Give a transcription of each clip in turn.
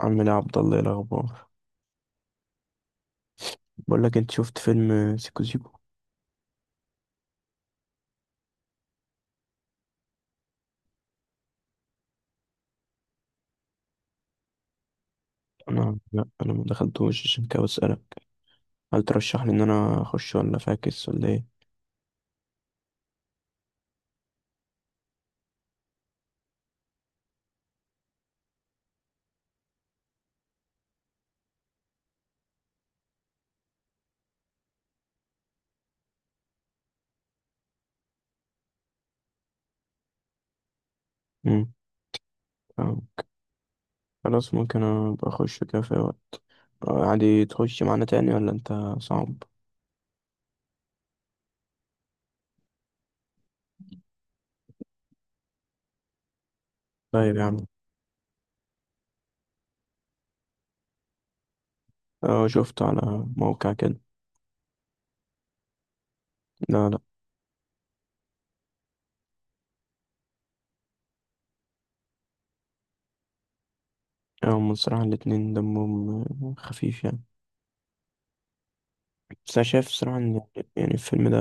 عمنا عبد الله، إيه الاخبار؟ بقول لك، انت شفت فيلم سيكو سيكو؟ انا، لا، انا ما دخلتوش عشان كده بسالك. هل ترشح لي ان انا اخش ولا فاكس ولا ايه؟ امم فاهم. خلاص، ممكن ابقى اخش كده في أي وقت. عادي تخش معانا تاني، ولا انت صعب؟ طيب يا عم. اه، شفته على موقع كده. لا، لا. هم الصراحة الاتنين دمهم خفيف يعني. بس أنا شايف الصراحة إن، يعني، الفيلم ده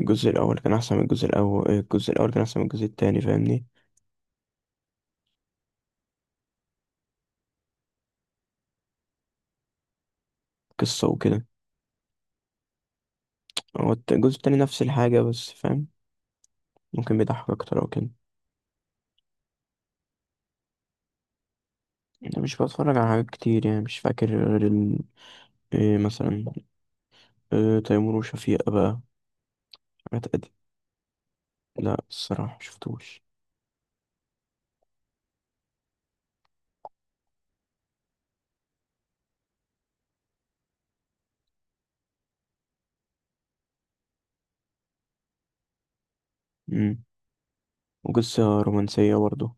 الجزء الأول كان أحسن من الجزء الأول، الجزء الأول كان أحسن من الجزء التاني، فاهمني؟ قصة وكده. هو الجزء التاني نفس الحاجة بس، فاهم؟ ممكن بيضحك أكتر أو كده. أنا مش بتفرج على حاجات كتير يعني، مش فاكر غير إيه مثلا؟ إيه، تيمور وشفيقة بقى؟ حاجات قديمة. لا، الصراحة مشفتوش. مم. وقصة رومانسية برضه.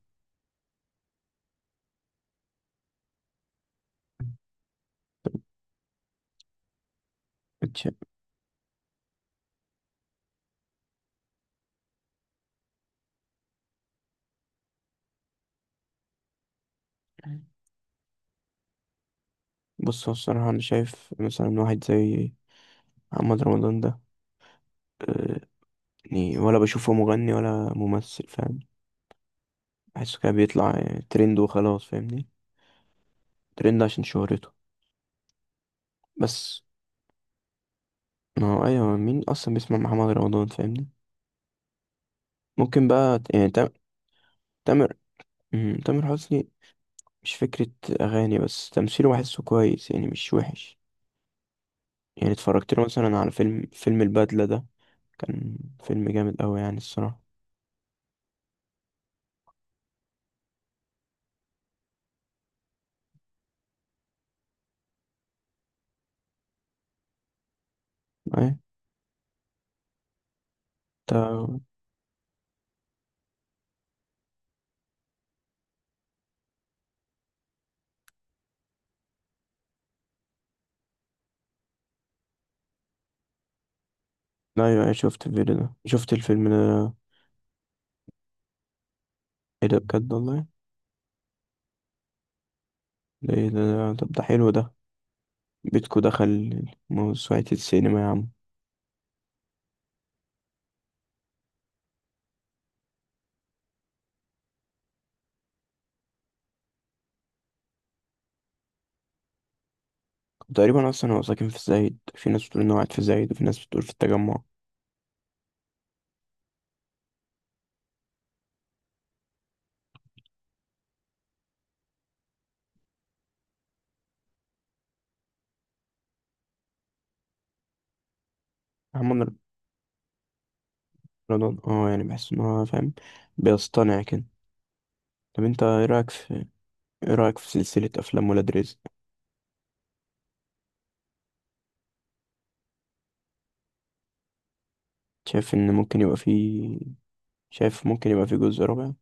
اتش- بص، هو الصراحة أنا شايف مثلا واحد زي محمد رمضان ده. آه، يعني ولا بشوفه مغني ولا ممثل، فاهم؟ بحسه كده بيطلع ترند وخلاص، فاهمني؟ ترند عشان شهرته. بس ما هو ايوه، مين اصلا بيسمع محمد رمضان، فاهمني؟ ممكن بقى يعني تامر. تامر حسني. مش فكرة اغاني، بس تمثيله بحسه كويس يعني مش وحش. يعني اتفرجت له مثلا على فيلم البدلة ده. كان فيلم جامد قوي يعني الصراحة. ايه. تا... ايوه، ايوه، شفت الفيديو ده شفت الفيلم ده. ايه ده؟ بجد والله! ده ايه ده؟ طب ده حلو ده. بيتكو دخل موسوعة السينما يا عم. تقريبا اصلا هو ساكن في الزايد، في ناس بتقول انه قاعد في الزايد وفي ناس بتقول في التجمع. محمد رمضان، اه يعني بحس ان هو، فاهم، بيصطنع كده. طب انت ايه رأيك في سلسلة افلام ولاد رزق؟ شايف ان ممكن يبقى فيه. شايف ممكن يبقى فيه جزء رابع؟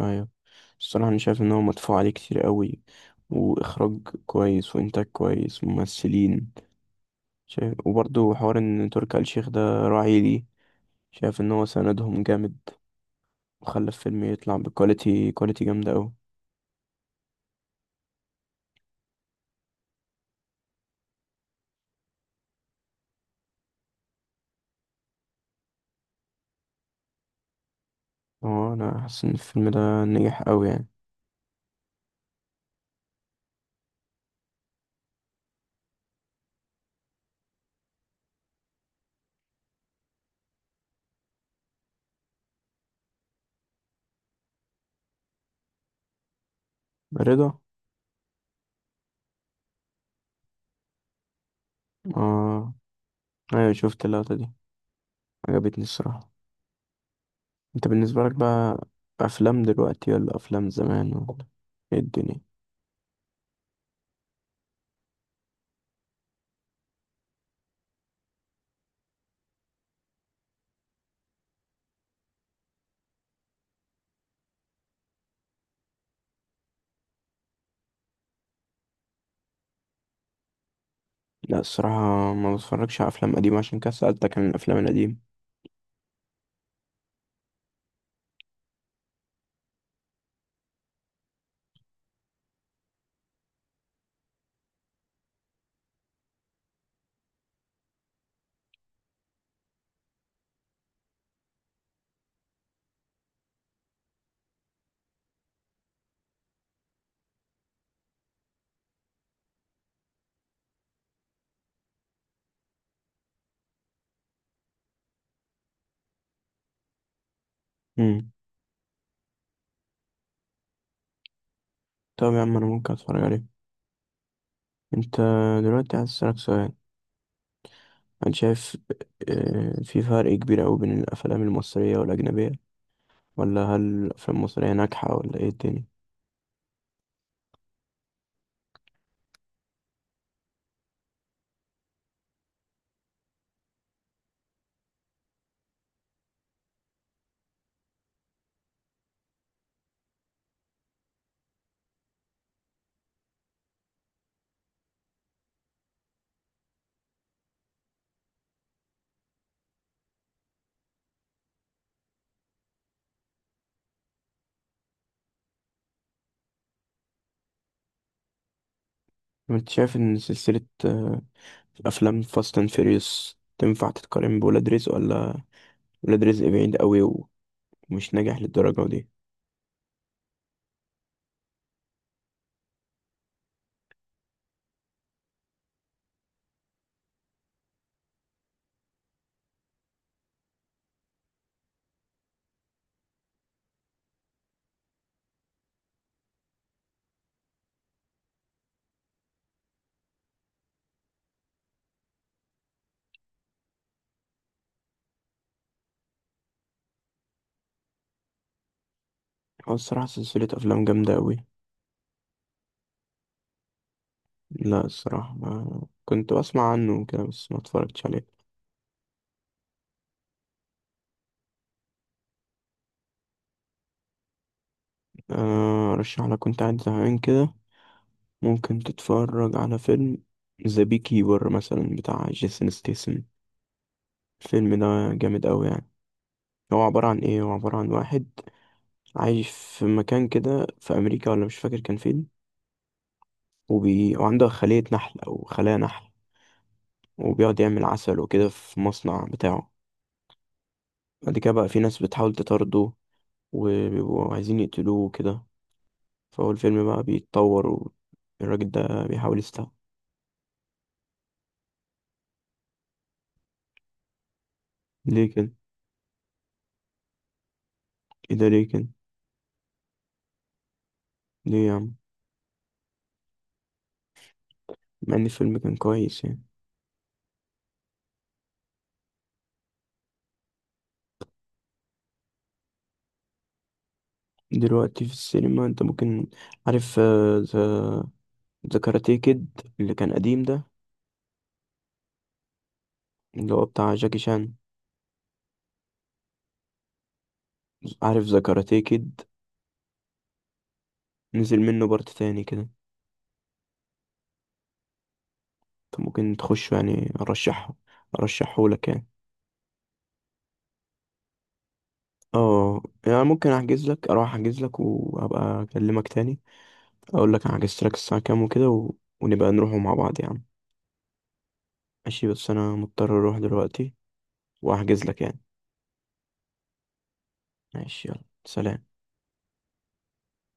ايوه. الصراحة انا شايف ان هو مدفوع عليه كتير قوي، واخراج كويس وانتاج كويس، ممثلين شايف. وبرضه حوار ان تركي آل الشيخ ده راعي ليه. شايف ان هو سندهم جامد. وخلى الفيلم يطلع بكواليتي كواليتي جامدة أوي. اه، أنا حاسس إن الفيلم ده نجح أوي يعني. رضا. اه، أيوة شفت اللقطة دي، عجبتني الصراحة. أنت بالنسبة لك بقى، أفلام دلوقتي ولا أفلام زمان، ولا إيه الدنيا؟ لا، الصراحة ما بتفرجش على أفلام قديمة، عشان كده سألتك عن الأفلام القديمة. مم. طب يا عم، أنا ممكن أتفرج عليه. أنت دلوقتي عايز أسألك سؤال. أنا شايف في فرق كبير أوي بين الأفلام المصرية والأجنبية، ولا هل الأفلام المصرية ناجحة، ولا إيه الدنيا؟ انت شايف ان سلسلة افلام فاست اند فيريوس تنفع تتقارن بولاد رزق، ولا ولاد رزق بعيد قوي ومش ناجح للدرجة دي؟ هو الصراحة سلسلة افلام جامدة قوي. لا، الصراحة ما كنت بسمع عنه كده، بس ما اتفرجتش عليه. ارشح لك، كنت قاعد زهقان كده. ممكن تتفرج على فيلم ذا بي كيبر مثلا بتاع جيسون ستيسن. الفيلم ده جامد قوي يعني. هو عبارة عن ايه، هو عبارة عن واحد عايش في مكان كده في امريكا، ولا مش فاكر كان فين. وعنده خلية نحل أو خلايا نحل. وبيقعد يعمل عسل وكده في مصنع بتاعه. بعد كده بقى في ناس بتحاول تطارده. وبيبقوا عايزين يقتلوه وكده. فهو الفيلم بقى بيتطور. والراجل ده بيحاول يستهبل. ليه كده؟ ايه ده، ليه كده؟ ليه يا عم؟ مع إن الفيلم كان كويس يعني. دلوقتي في السينما انت ممكن، عارف ذا كاراتيه كيد اللي كان قديم ده، اللي هو بتاع جاكي شان. عارف ذا كاراتيه كيد؟ نزل منه بارت تاني كده. طب ممكن تخش، يعني ارشحه لك يعني. اه. يعني ممكن احجز لك اروح احجز لك وابقى اكلمك تاني. اقول لك انا حجزت لك الساعه كام وكده ونبقى نروحوا مع بعض يا عم. ماشي، بس انا مضطر اروح دلوقتي. واحجز لك يعني. ماشي، يلا، سلام.